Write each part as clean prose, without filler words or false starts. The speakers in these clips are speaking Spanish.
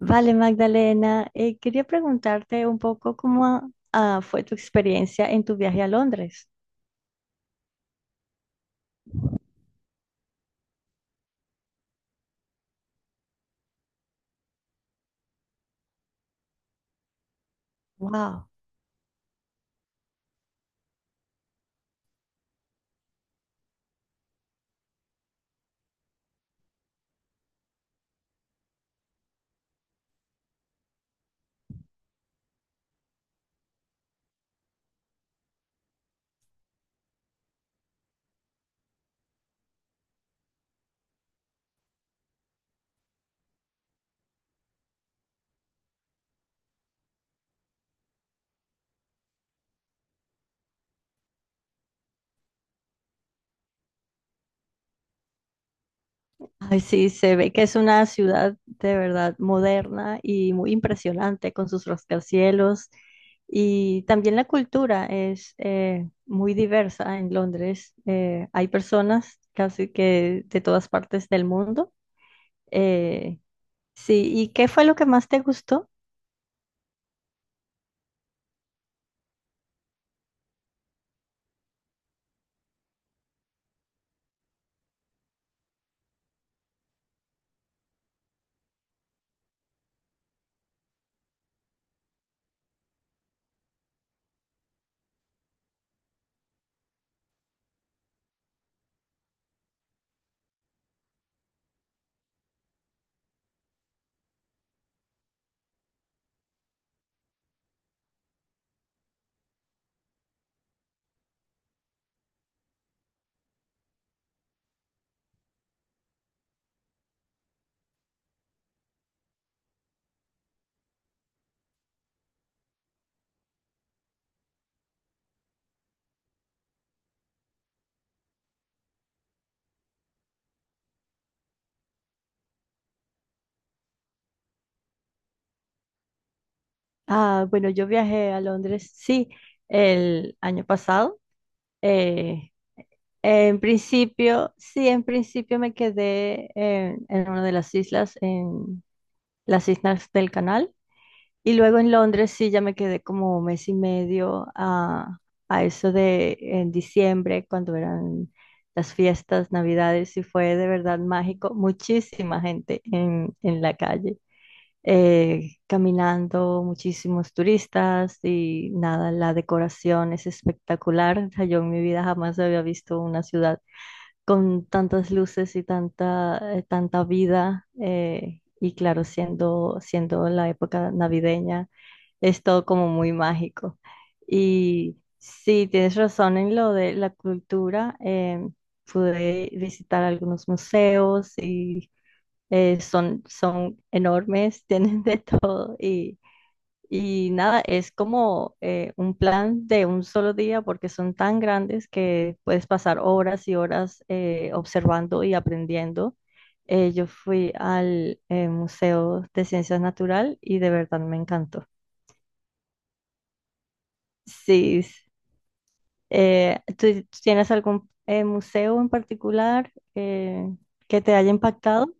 Vale, Magdalena, quería preguntarte un poco cómo fue tu experiencia en tu viaje a Londres. Wow. Ay, sí, se ve que es una ciudad de verdad moderna y muy impresionante con sus rascacielos y también la cultura es muy diversa en Londres. Hay personas casi que de todas partes del mundo. Eh, sí, ¿y qué fue lo que más te gustó? Ah, bueno, yo viajé a Londres, sí, el año pasado. Eh, en principio, sí, en principio me quedé en una de las islas, en las Islas del Canal. Y luego en Londres, sí, ya me quedé como un mes y medio a eso de en diciembre, cuando eran las fiestas, Navidades, y fue de verdad mágico. Muchísima gente en la calle caminando muchísimos turistas y nada, la decoración es espectacular. O sea, yo en mi vida jamás había visto una ciudad con tantas luces y tanta, tanta vida. Y claro, siendo la época navideña, es todo como muy mágico. Y sí, tienes razón en lo de la cultura. Pude visitar algunos museos y son, son enormes, tienen de todo y nada, es como un plan de un solo día porque son tan grandes que puedes pasar horas y horas observando y aprendiendo. Yo fui al Museo de Ciencias Natural y de verdad me encantó. Sí, ¿tú tienes algún museo en particular que te haya impactado?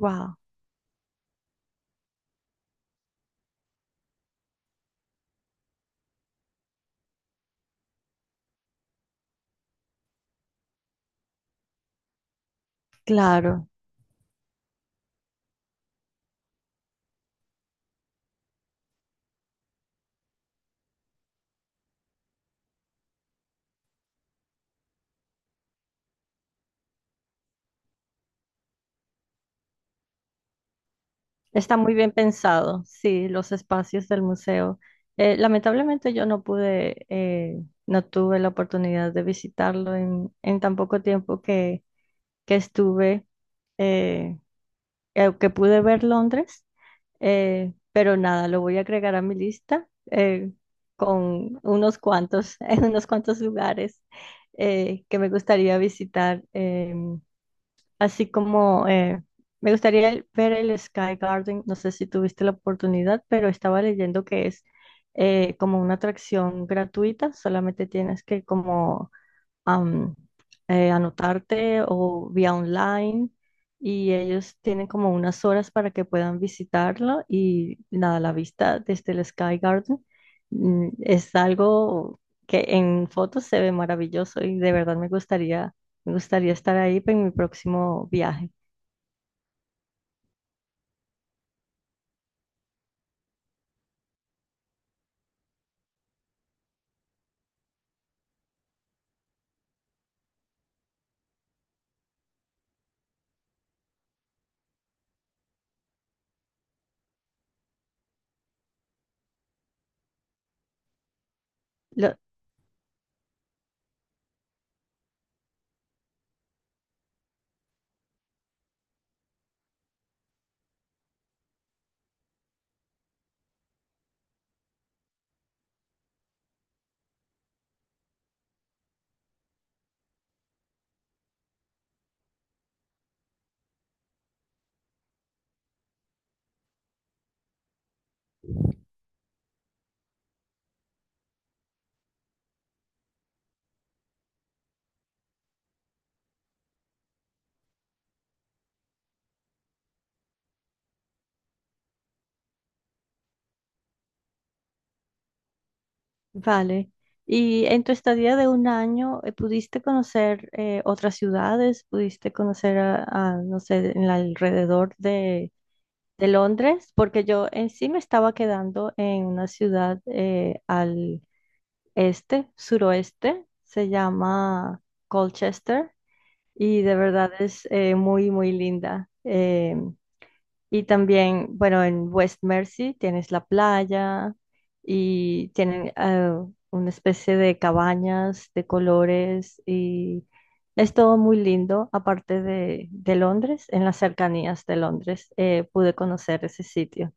Wow, claro. Está muy bien pensado, sí, los espacios del museo. Lamentablemente yo no pude, no tuve la oportunidad de visitarlo en tan poco tiempo que estuve, eh, que pude ver Londres, pero nada, lo voy a agregar a mi lista con unos cuantos, unos cuantos lugares que me gustaría visitar. Así como me gustaría el- ver el Sky Garden, no sé si tuviste la oportunidad, pero estaba leyendo que es como una atracción gratuita, solamente tienes que como am, anotarte o vía online y ellos tienen como unas horas para que puedan visitarlo y nada, la vista desde el Sky Garden es algo que en fotos se ve maravilloso y de verdad me gustaría estar ahí en mi próximo viaje. Lo- vale. Y en tu estadía de un año, ¿pudiste conocer otras ciudades? ¿Pudiste conocer a, no sé, en el alrededor de Londres, porque yo en sí me estaba quedando en una ciudad al este, suroeste, se llama Colchester y de verdad es muy, muy linda. Y también, bueno, en West Mersey tienes la playa y tienen una especie de cabañas de colores y es todo muy lindo, aparte de Londres, en las cercanías de Londres, pude conocer ese sitio.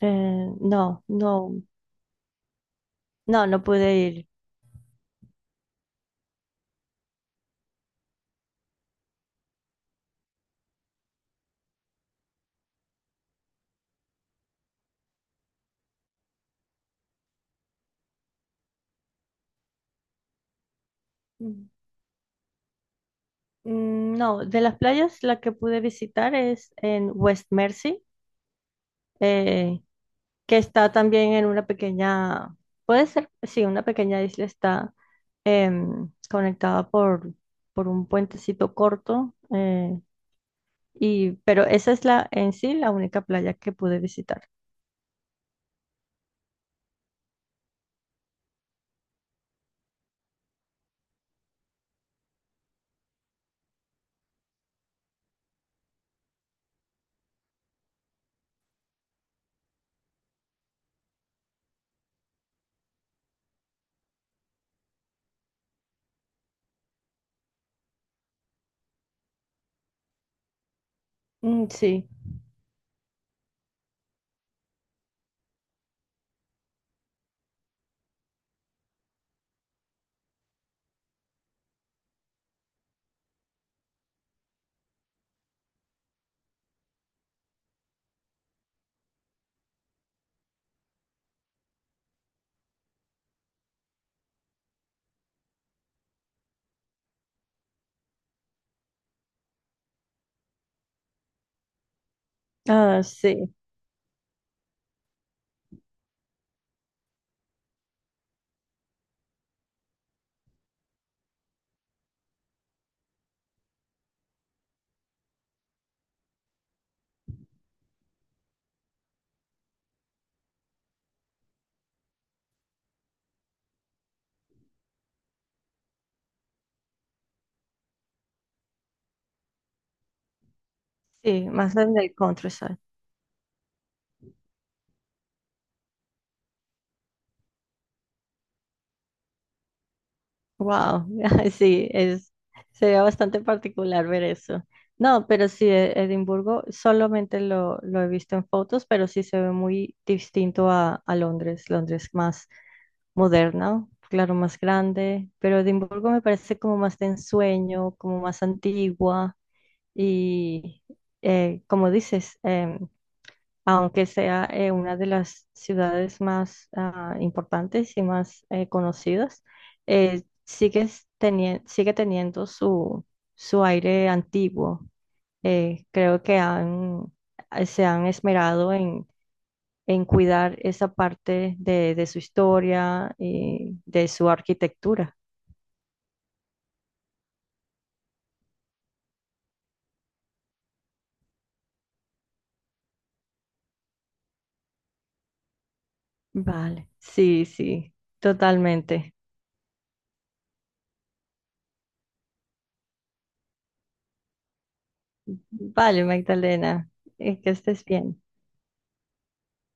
No, no, no, no pude ir. Mm, mm, no, de las playas la que pude visitar es en West Mercy, eh, que está también en una pequeña, puede ser, sí, una pequeña isla está conectada por un puentecito corto, y, pero esa es la en sí la única playa que pude visitar. Mm, sí, ah, sí, sí, más en el countryside. Wow, sí, es, sería bastante particular ver eso. No, pero sí, E- Edimburgo solamente lo he visto en fotos, pero sí se ve muy distinto a Londres. Londres más moderna, claro, más grande, pero Edimburgo me parece como más de ensueño, como más antigua y, como dices, aunque sea una de las ciudades más importantes y más conocidas, eh, sigue, sigue teniendo su, su aire antiguo. Creo que han, se han esmerado en cuidar esa parte de su historia y de su arquitectura. Vale, sí, sí, totalmente. Vale, Magdalena, que estés bien.